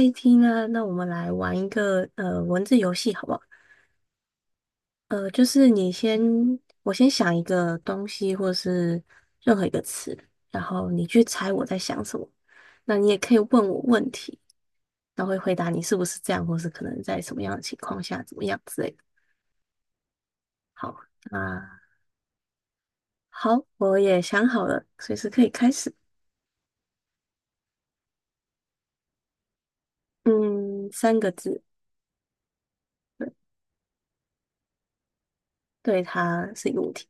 一 t 呢？那我们来玩一个文字游戏，好不好？就是你先，我先想一个东西，或是任何一个词，然后你去猜我在想什么。那你也可以问我问题，然后会回答你是不是这样，或是可能在什么样的情况下怎么样之类的。好，那好，我也想好了，随时可以开始。嗯，三个字，对，对，它是一个物体。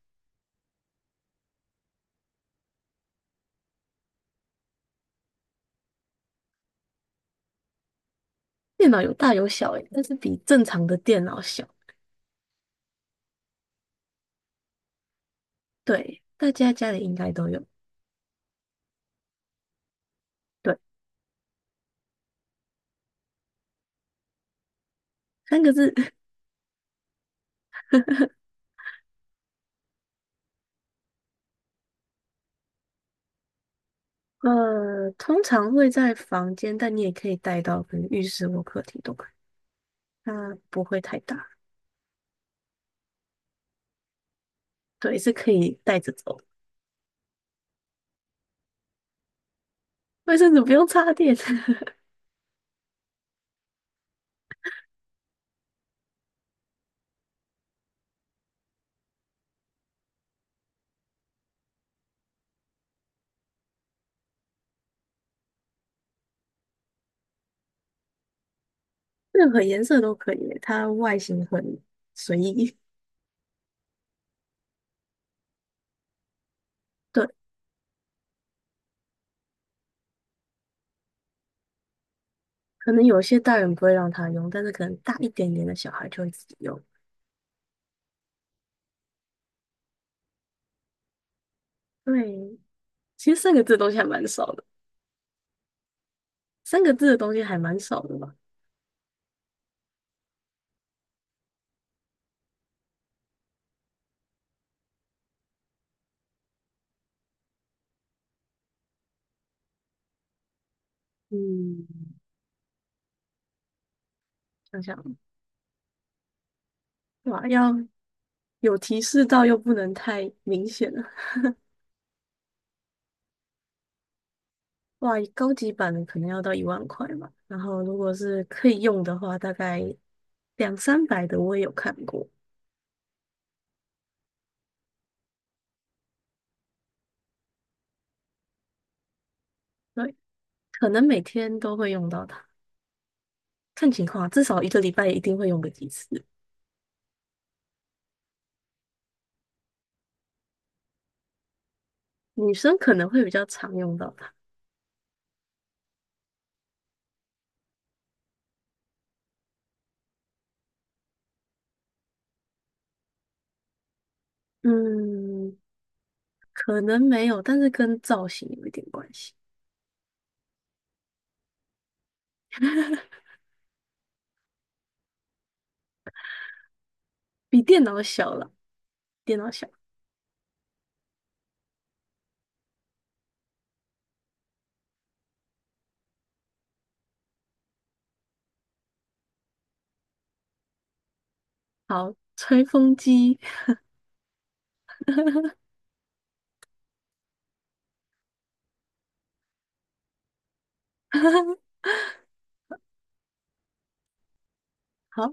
电脑有大有小，诶，但是比正常的电脑小。对，大家家里应该都有。对，三个字，通常会在房间，但你也可以带到，可能浴室或客厅都可以。它不会太大，对，是可以带着走的。卫生纸不用插电，任何颜色都可以，它外形很随意。对，可能有些大人不会让他用，但是可能大一点点的小孩就会自己用。对，其实三个字的东西还蛮少的，三个字的东西还蛮少的吧？嗯，想想。哇，要有提示到又不能太明显了。哇，高级版的可能要到1万块吧。然后如果是可以用的话，大概两三百的我也有看过。对，可能每天都会用到它，看情况啊至少一个礼拜一定会用个几次。女生可能会比较常用到它，嗯，可能没有，但是跟造型有一点关系，比电脑小了，电脑小。好，吹风机，好，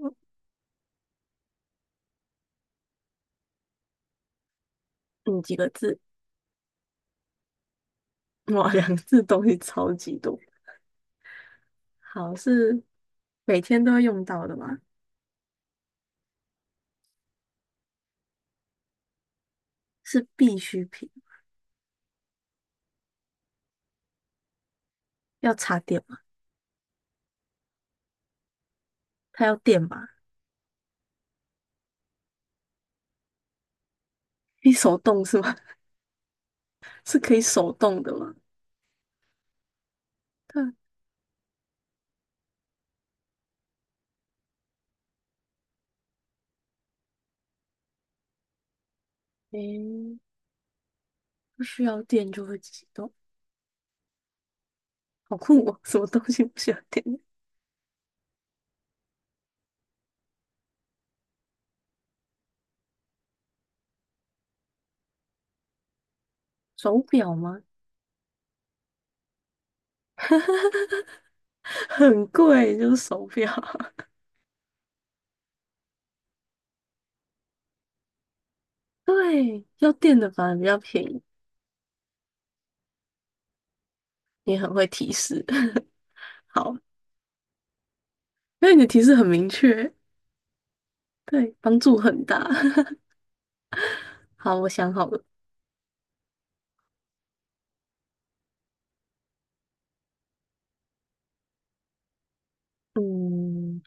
嗯，几个字。哇，两字东西超级多。好，是每天都会用到的吗？是必需品，要插电吗？它要电吗？可以手动是吗？是可以手动的吗？它诶，不需要电就会自己动，好酷哦！什么东西不需要电？手表吗？很贵，就是手表。对，要电的反而比较便宜。你很会提示，好，因为你的提示很明确，对，帮助很大。好，我想好了，嗯，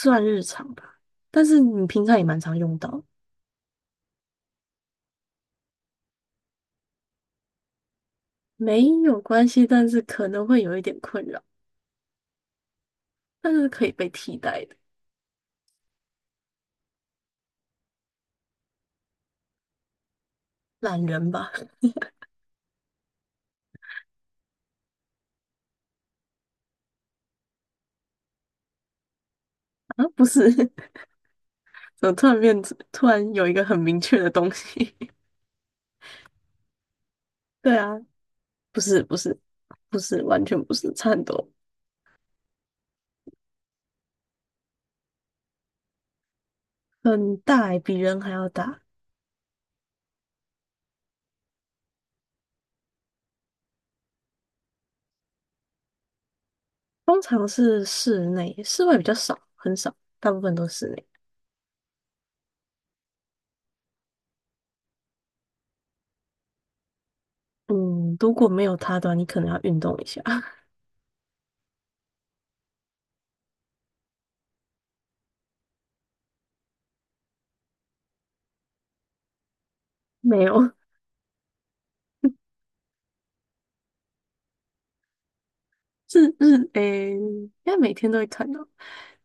算日常吧，但是你平常也蛮常用到，没有关系，但是可能会有一点困扰，但是可以被替代的，懒人吧？啊，不是，怎么突然变，突然有一个很明确的东西？对啊，不是，不是，不是，完全不是，差很多，很大欸，比人还要大，通常是室内，室外比较少，很少，大部分都是室内。嗯，如果没有它的话，你可能要运动一下。没有，是日诶，应该每天都会看到。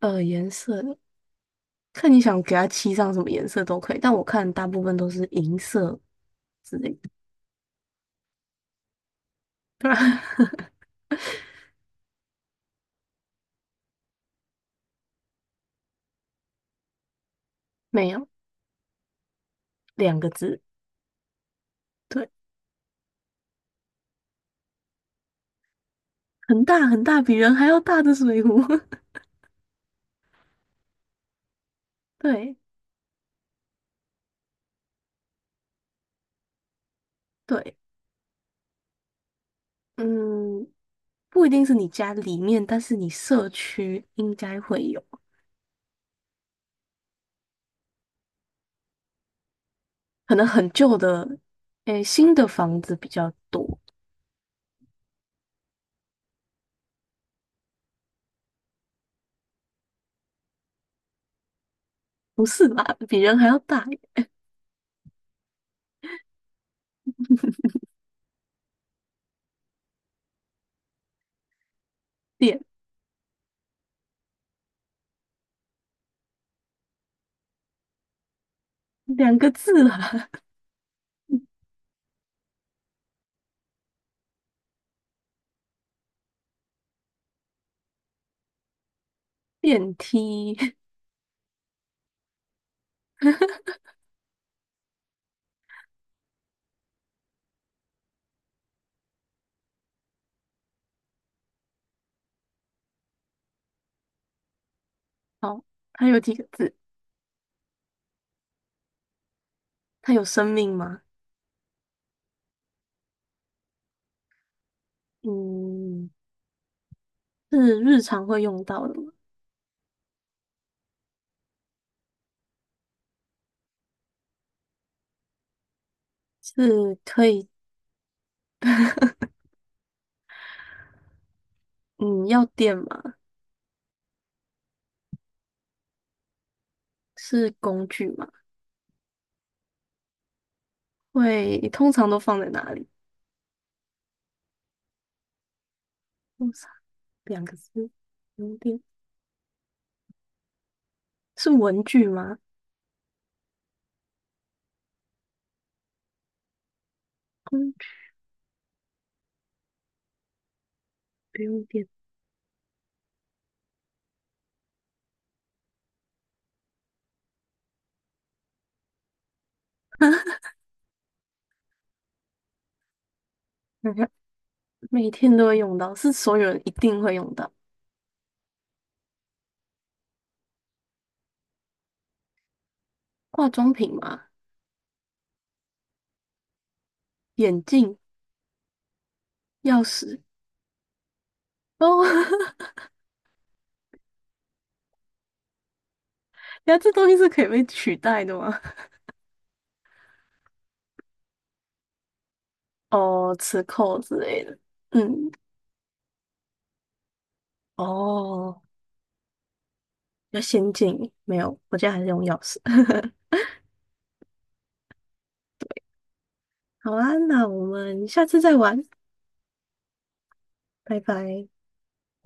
颜色的，看你想给它漆上什么颜色都可以，但我看大部分都是银色之类的，没有两个字。对，很大很大，比人还要大的水壶。对对，嗯，不一定是你家里面，但是你社区应该会有，可能很旧的，诶，新的房子比较多。不是吧？比人还要大一点，两个字啦，电梯。好，它有几个字？它有生命吗？嗯，是日常会用到的吗？是可以，嗯，要电吗？是工具吗？会，通常都放在哪里？通常两个字，不用电。是文具吗？工具不用电，想想每天都会用到，是所有人一定会用到。化妆品吗？眼镜、钥匙。哦，那这东西是可以被取代的吗？哦，磁扣之类的。嗯，哦，比较先进，没有，我家还是用钥匙。好啊，那我们下次再玩，拜拜。